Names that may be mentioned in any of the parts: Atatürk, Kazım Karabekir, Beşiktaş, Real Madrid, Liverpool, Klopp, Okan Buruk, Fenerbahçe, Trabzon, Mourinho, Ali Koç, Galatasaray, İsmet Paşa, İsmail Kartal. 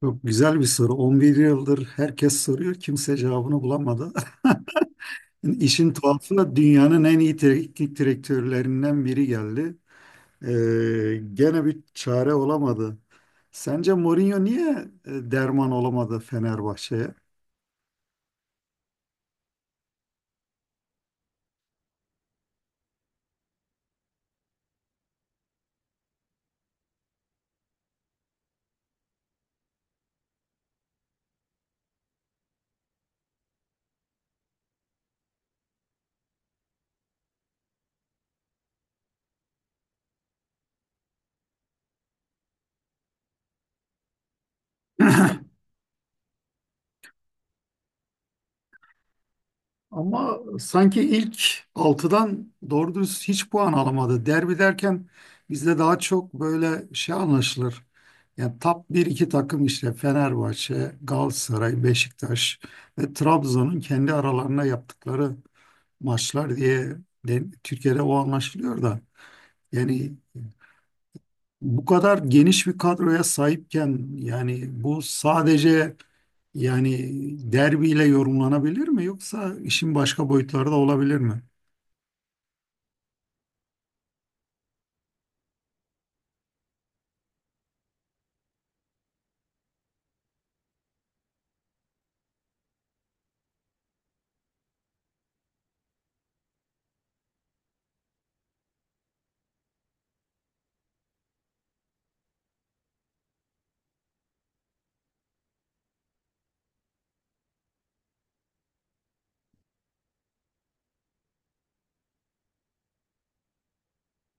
Çok güzel bir soru. 11 yıldır herkes soruyor, kimse cevabını bulamadı. İşin tuhafı da dünyanın en iyi teknik direktörlerinden biri geldi. Gene bir çare olamadı. Sence Mourinho niye derman olamadı Fenerbahçe'ye? Ama sanki ilk altıdan doğru dürüst hiç puan alamadı. Derbi derken bizde daha çok böyle şey anlaşılır. Yani top bir iki takım işte Fenerbahçe, Galatasaray, Beşiktaş ve Trabzon'un kendi aralarına yaptıkları maçlar diye Türkiye'de o anlaşılıyor da. Yani bu kadar geniş bir kadroya sahipken yani bu sadece yani derbiyle yorumlanabilir mi yoksa işin başka boyutları da olabilir mi?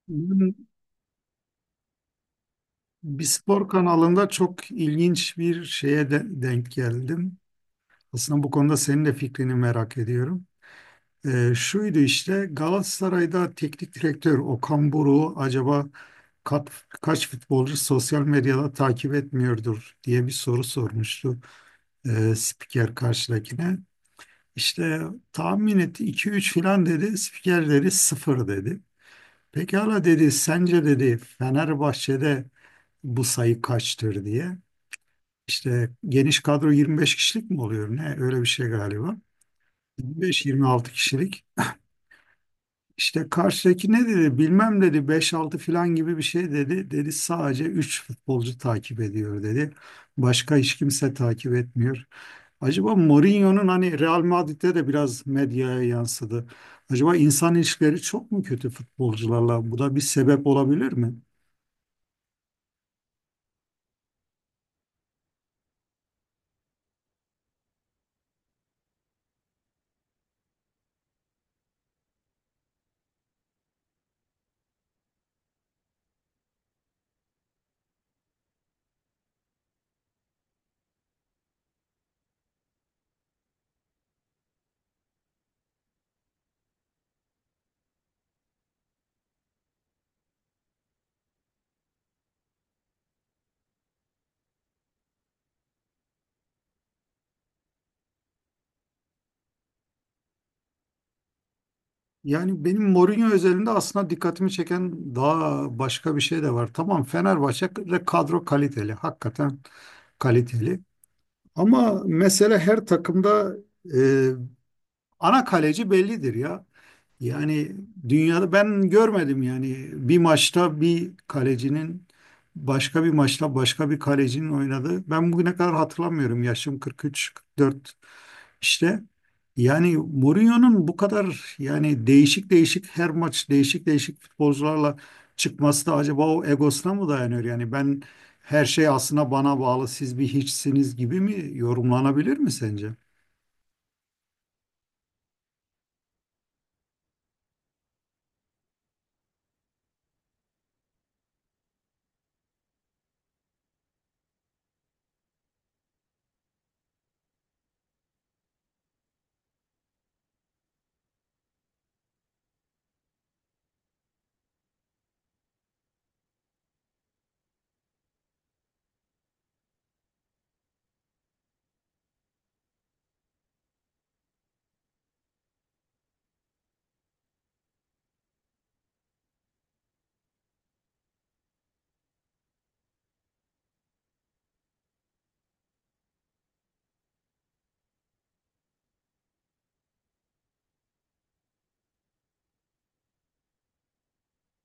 Bugün bir spor kanalında çok ilginç bir şeye denk geldim. Aslında bu konuda senin de fikrini merak ediyorum. Şuydu işte Galatasaray'da teknik direktör Okan Buruk'u acaba kaç futbolcu sosyal medyada takip etmiyordur diye bir soru sormuştu. Spiker karşıdakine. İşte tahmin etti 2-3 filan dedi. Spiker dedi 0 dedi. Pekala dedi sence dedi Fenerbahçe'de bu sayı kaçtır diye. İşte geniş kadro 25 kişilik mi oluyor ne? Öyle bir şey galiba. 25-26 kişilik. İşte karşıdaki ne dedi bilmem dedi beş altı filan gibi bir şey dedi. Dedi sadece 3 futbolcu takip ediyor dedi. Başka hiç kimse takip etmiyor. Acaba Mourinho'nun hani Real Madrid'de de biraz medyaya yansıdı. Acaba insan ilişkileri çok mu kötü futbolcularla? Bu da bir sebep olabilir mi? Yani benim Mourinho özelinde aslında dikkatimi çeken daha başka bir şey de var. Tamam Fenerbahçe'de kadro kaliteli, hakikaten kaliteli. Ama mesele her takımda e, ana kaleci bellidir ya. Yani dünyada ben görmedim yani bir maçta bir kalecinin başka bir maçta başka bir kalecinin oynadığı. Ben bugüne kadar hatırlamıyorum. Yaşım 43-44 işte yani Mourinho'nun bu kadar yani değişik değişik her maç değişik değişik futbolcularla çıkması da acaba o egosuna mı dayanıyor? Yani ben her şey aslında bana bağlı siz bir hiçsiniz gibi mi yorumlanabilir mi sence?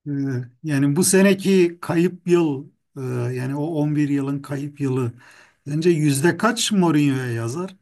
Ee, yani bu seneki kayıp yıl e, yani o 11 yılın kayıp yılı bence yüzde kaç Mourinho'ya yazar?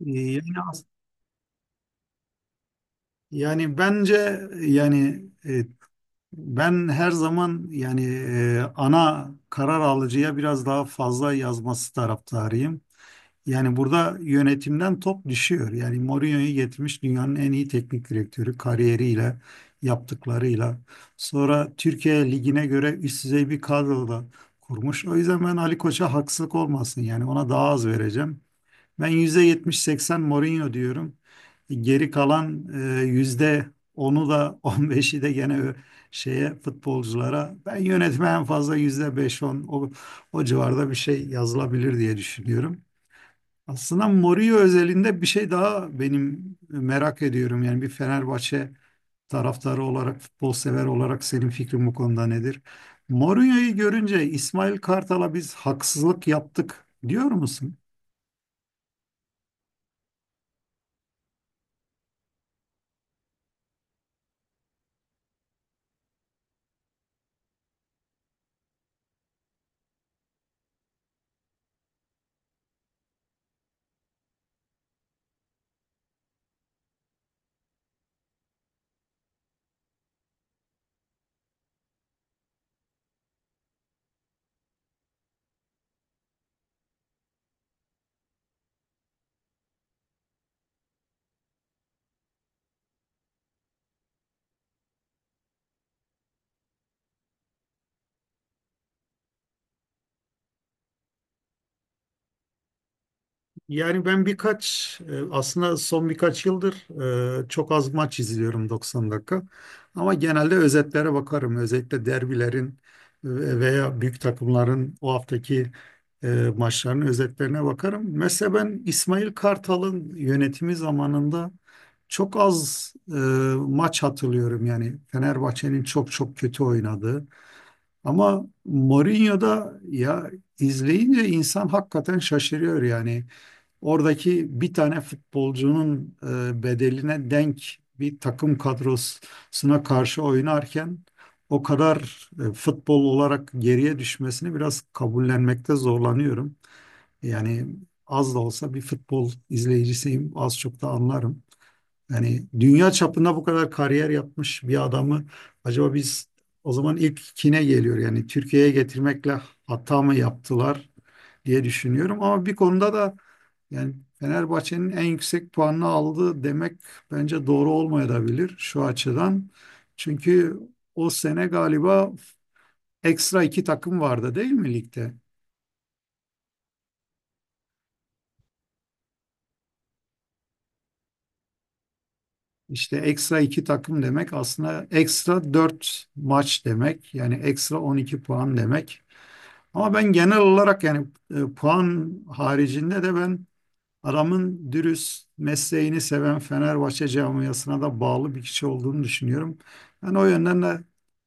Ee, yani, as- yani, bence yani ben her zaman yani ana karar alıcıya biraz daha fazla yazması taraftarıyım. Yani burada yönetimden top düşüyor. Yani Mourinho'yu getirmiş dünyanın en iyi teknik direktörü kariyeriyle, yaptıklarıyla. Sonra Türkiye Ligi'ne göre üst düzey bir kadro da kurmuş. O yüzden ben Ali Koç'a haksızlık olmasın. Yani ona daha az vereceğim. Ben %70-80 Mourinho diyorum. Geri kalan yüzde onu da 15'i de gene şeye futbolculara. Ben yönetme en fazla %5-10 o civarda bir şey yazılabilir diye düşünüyorum. Aslında Mourinho özelinde bir şey daha benim merak ediyorum. Yani bir Fenerbahçe taraftarı olarak, futbol sever olarak senin fikrin bu konuda nedir? Mourinho'yu görünce İsmail Kartal'a biz haksızlık yaptık diyor musun? Yani ben birkaç aslında son birkaç yıldır çok az maç izliyorum 90 dakika. Ama genelde özetlere bakarım. Özellikle derbilerin veya büyük takımların o haftaki e, maçlarının özetlerine bakarım. Mesela ben İsmail Kartal'ın yönetimi zamanında çok az maç hatırlıyorum. Yani Fenerbahçe'nin çok çok kötü oynadığı. Ama Mourinho'da ya izleyince insan hakikaten şaşırıyor yani. Oradaki bir tane futbolcunun bedeline denk bir takım kadrosuna karşı oynarken o kadar futbol olarak geriye düşmesini biraz kabullenmekte zorlanıyorum. Yani az da olsa bir futbol izleyicisiyim, az çok da anlarım. Yani dünya çapında bu kadar kariyer yapmış bir adamı acaba biz o zaman ilk kine geliyor yani Türkiye'ye getirmekle hata mı yaptılar diye düşünüyorum. Ama bir konuda da yani Fenerbahçe'nin en yüksek puanını aldı demek bence doğru olmayabilir şu açıdan. Çünkü o sene galiba ekstra iki takım vardı değil mi ligde? İşte ekstra iki takım demek aslında ekstra dört maç demek. Yani ekstra 12 puan demek. Ama ben genel olarak yani puan haricinde de ben adamın dürüst mesleğini seven Fenerbahçe camiasına da bağlı bir kişi olduğunu düşünüyorum. Ben o yönden de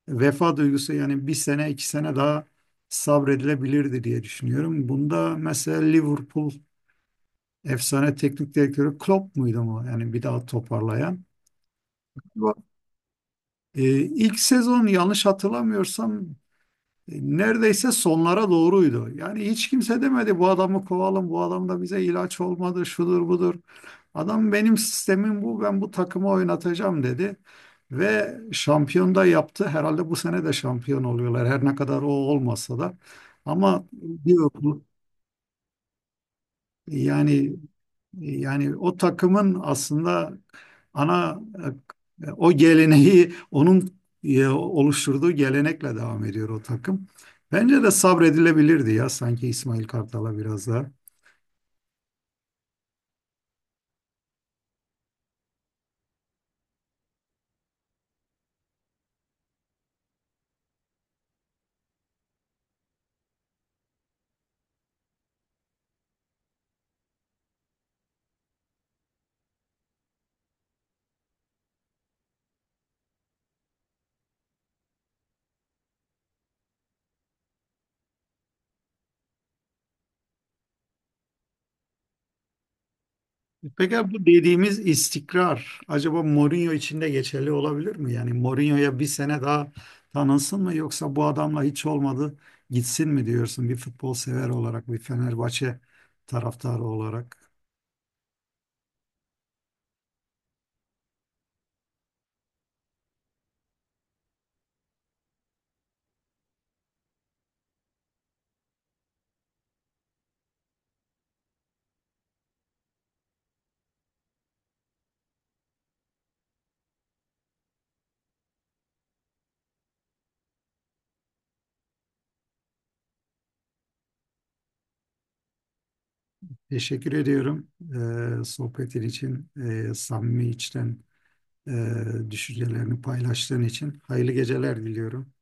vefa duygusu yani bir sene iki sene daha sabredilebilirdi diye düşünüyorum. Bunda mesela Liverpool efsane teknik direktörü Klopp muydu mu? Yani bir daha toparlayan. Bu- Ee, ilk sezon yanlış hatırlamıyorsam neredeyse sonlara doğruydu. Yani hiç kimse demedi bu adamı kovalım, bu adam da bize ilaç olmadı, şudur budur. Adam benim sistemim bu, ben bu takımı oynatacağım dedi. Ve şampiyon da yaptı. Herhalde bu sene de şampiyon oluyorlar. Her ne kadar o olmasa da. Ama bir okul yani yani o takımın aslında ana o geleneği onun oluşturduğu gelenekle devam ediyor o takım. Bence de sabredilebilirdi ya sanki İsmail Kartal'a biraz daha. Peki bu dediğimiz istikrar acaba Mourinho için de geçerli olabilir mi? Yani Mourinho'ya bir sene daha tanınsın mı yoksa bu adamla hiç olmadı gitsin mi diyorsun bir futbol sever olarak bir Fenerbahçe taraftarı olarak? Teşekkür ediyorum sohbetin için, samimi içten eee, düşüncelerini paylaştığın için. Hayırlı geceler diliyorum.